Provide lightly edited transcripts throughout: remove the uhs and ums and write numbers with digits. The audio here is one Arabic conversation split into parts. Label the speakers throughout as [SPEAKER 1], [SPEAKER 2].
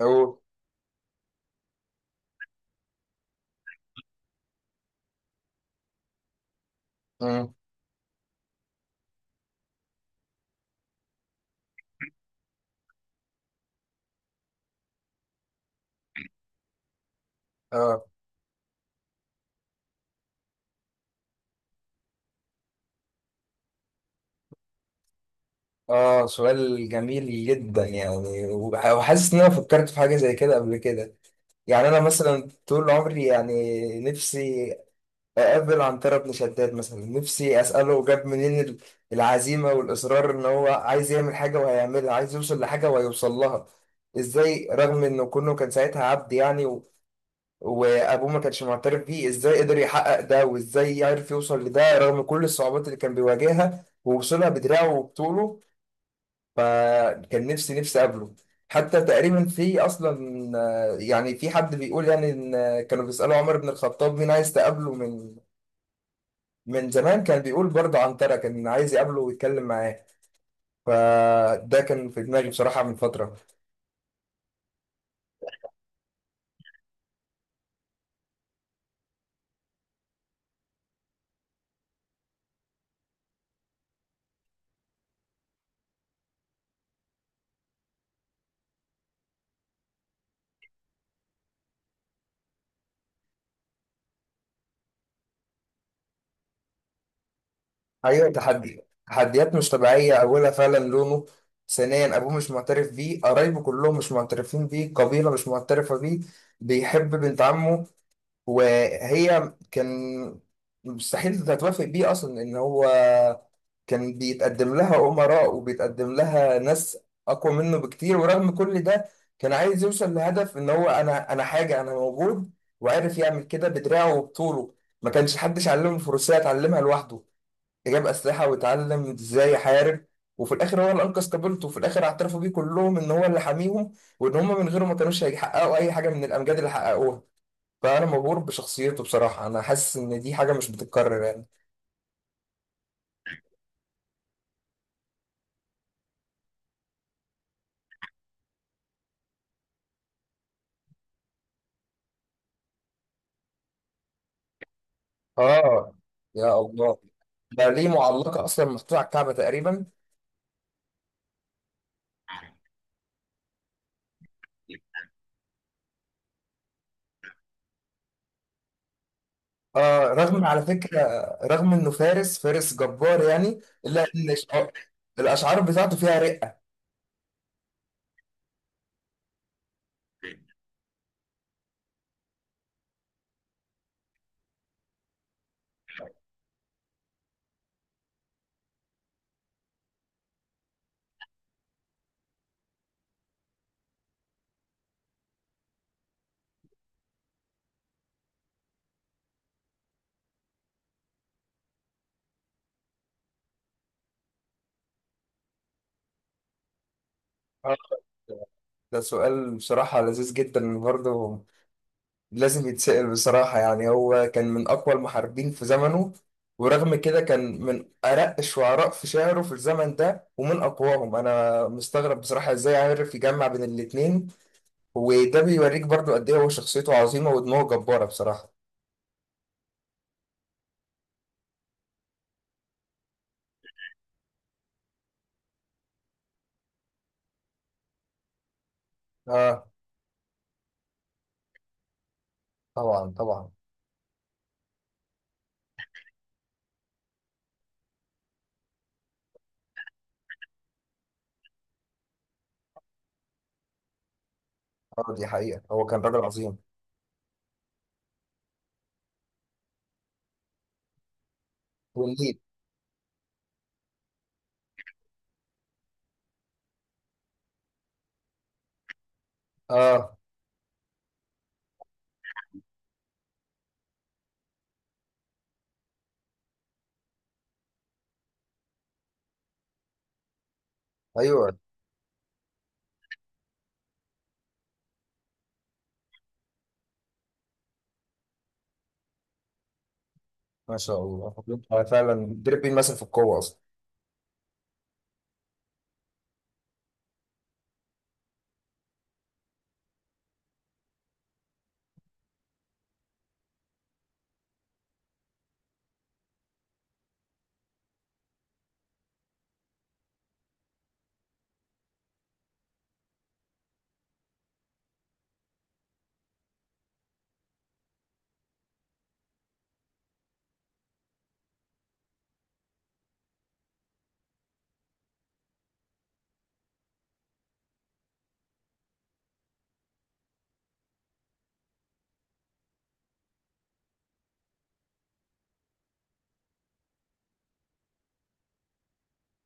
[SPEAKER 1] أوه. مم. اه اه، سؤال جميل جدا. يعني وحاسس ان انا فكرت في حاجه زي كده قبل كده. يعني انا مثلا طول عمري يعني نفسي اقابل عنتره بن شداد، مثلا نفسي اساله جاب منين العزيمه والاصرار، ان هو عايز يعمل حاجه وهيعملها، عايز يوصل لحاجه وهيوصل لها، ازاي رغم انه كونه كان ساعتها عبد يعني، وابوه ما كانش معترف بيه، ازاي قدر يحقق ده وازاي عرف يوصل لده رغم كل الصعوبات اللي كان بيواجهها، ووصلها بدراعه وبطوله. فكان نفسي اقابله. حتى تقريبا في اصلا، يعني في حد بيقول يعني ان، كانوا بيسالوا عمر بن الخطاب مين عايز تقابله من زمان، كان بيقول برضه عنترة كان عايز يقابله ويتكلم معاه. فده كان في دماغي بصراحة من فترة. ايوه، تحدي، تحديات مش طبيعيه. اولها فعلا لونه، ثانيا ابوه مش معترف بيه، قرايبه كلهم مش معترفين بيه، القبيله مش معترفه بيه، بيحب بنت عمه وهي كان مستحيل تتوافق بيه اصلا، ان هو كان بيتقدم لها امراء وبيتقدم لها ناس اقوى منه بكتير. ورغم كل ده كان عايز يوصل لهدف ان هو، انا حاجه، انا موجود. وعرف يعمل كده بدراعه وبطوله. ما كانش حدش علمه الفروسية، اتعلمها لوحده، جاب أسلحة واتعلم إزاي يحارب. وفي الآخر هو اللي أنقذ قبيلته، وفي الآخر اعترفوا بيه كلهم إن هو اللي حاميهم، وإن هم من غيره ما كانوش هيحققوا أي حاجة من الأمجاد اللي حققوها. فأنا مبهور بشخصيته بصراحة، أنا حاسس إن دي حاجة مش بتتكرر يعني. آه، يا الله. ده ليه معلقة أصلا محطوطة على الكعبة تقريبا. آه، رغم على فكرة، رغم إنه فارس، فارس جبار يعني، إلا إن الأشعار بتاعته فيها رقة. آه، ده سؤال بصراحة لذيذ جدا برضه، لازم يتسأل بصراحة. يعني هو كان من أقوى المحاربين في زمنه، ورغم كده كان من أرق الشعراء في شعره في الزمن ده ومن أقواهم. أنا مستغرب بصراحة إزاي عارف يجمع بين الاتنين. وده بيوريك برضو قد إيه هو شخصيته عظيمة ودماغه جبارة بصراحة. آه، طبعا طبعا. آه، دي حقيقة هو كان راجل عظيم. والليل. آه، أيوه. ما شاء الله، هو فعلا دربين مثلا في القوة أصلا.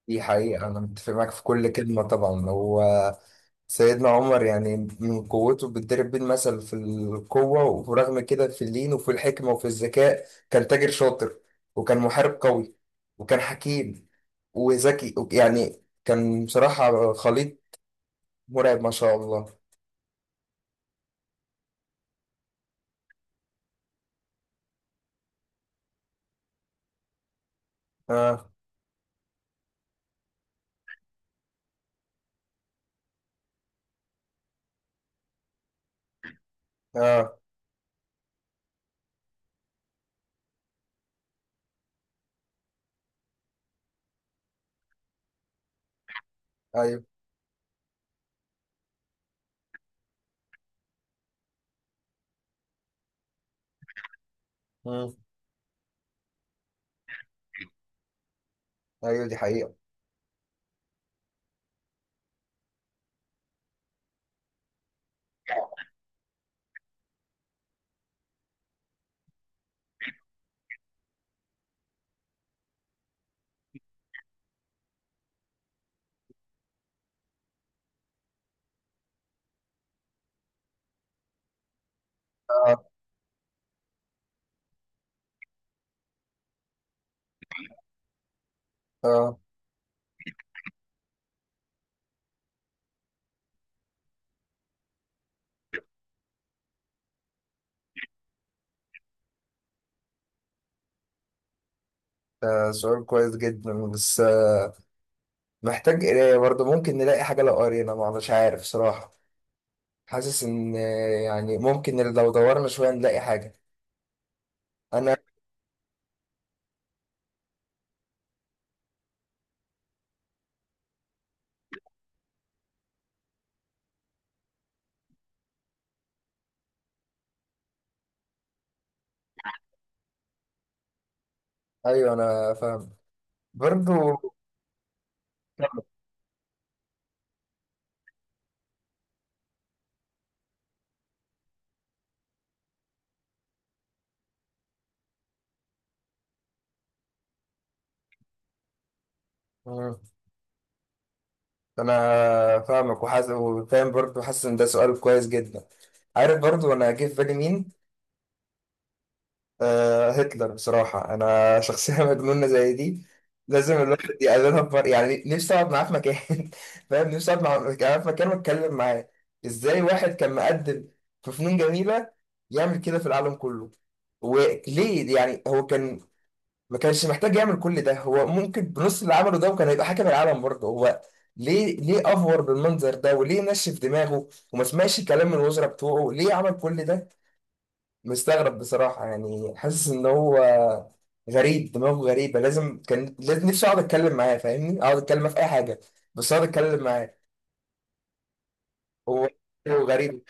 [SPEAKER 1] دي حقيقة أنا متفق معاك في كل كلمة. طبعا هو سيدنا عمر يعني من قوته بيتضرب بيه المثل في القوة، ورغم كده في اللين وفي الحكمة وفي الذكاء. كان تاجر شاطر، وكان محارب قوي، وكان حكيم وذكي يعني كان بصراحة خليط مرعب ما شاء الله. اه، اه، ايوه. مم. ايوه، دي حقيقة. اه، اه، ده سؤال كويس جدا. بس محتاج قراية برضه، ممكن نلاقي حاجة لو قرينا، ما مش عارف صراحة. حاسس ان، يعني ممكن لو دورنا شوية نلاقي حاجة. انا. ايوه، انا فاهم برضو. مم. انا فاهمك وحاسس وفاهم برضو، حاسس ان ده سؤال كويس جدا. عارف برضو انا جه في بالي مين؟ آه، هتلر بصراحه. انا شخصيه مجنونه زي دي لازم الواحد يقابلها بمر... يعني نفسي اقعد معاه في مكان فاهم، نفسي اقعد معاه في مكان واتكلم معاه. ازاي واحد كان مقدم في فنون جميله يعمل كده في العالم كله؟ وليه؟ يعني هو كان ما كانش محتاج يعمل كل ده، هو ممكن بنص اللي عمله ده وكان هيبقى حاكم العالم برضه. هو ليه؟ ليه افور بالمنظر ده، وليه نشف دماغه وما سمعش كلام من الوزراء بتوعه؟ ليه عمل كل ده؟ مستغرب بصراحة. يعني حاسس ان هو غريب، دماغه غريبة. لازم كان لازم، نفسي اقعد اتكلم معاه، فاهمني، اقعد اتكلم معاه في اي حاجة، بس اقعد اتكلم معاه. هو، هو غريب.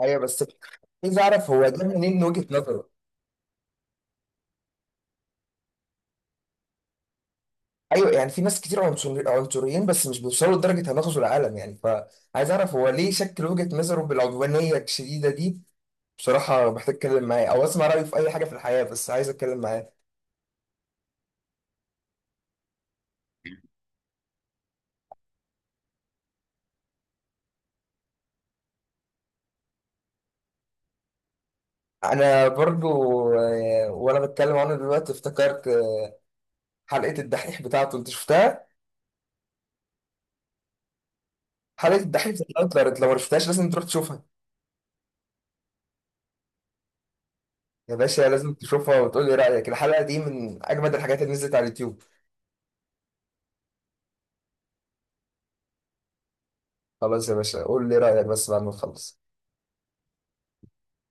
[SPEAKER 1] ايوه بس عايز اعرف هو ده منين، وجهة نظره. ايوه يعني في ناس كتير عنصريين، بس مش بيوصلوا لدرجه هنغزو العالم يعني. فعايز اعرف هو ليه شكل وجهه نظره بالعدوانيه الشديده دي. بصراحه محتاج اتكلم معاه، او اسمع رايه في اي حاجه في الحياه، بس عايز اتكلم معاه. انا برضو، وانا بتكلم عنه دلوقتي افتكرت، حلقه الدحيح بتاعته، انت شفتها؟ حلقه الدحيح بتاعت هتلر، انت لو ما شفتهاش لازم تروح تشوفها. يا باشا لازم تشوفها وتقول لي رايك، الحلقه دي من اجمد الحاجات اللي نزلت على اليوتيوب. خلاص يا باشا قول لي رايك بس بعد ما تخلص.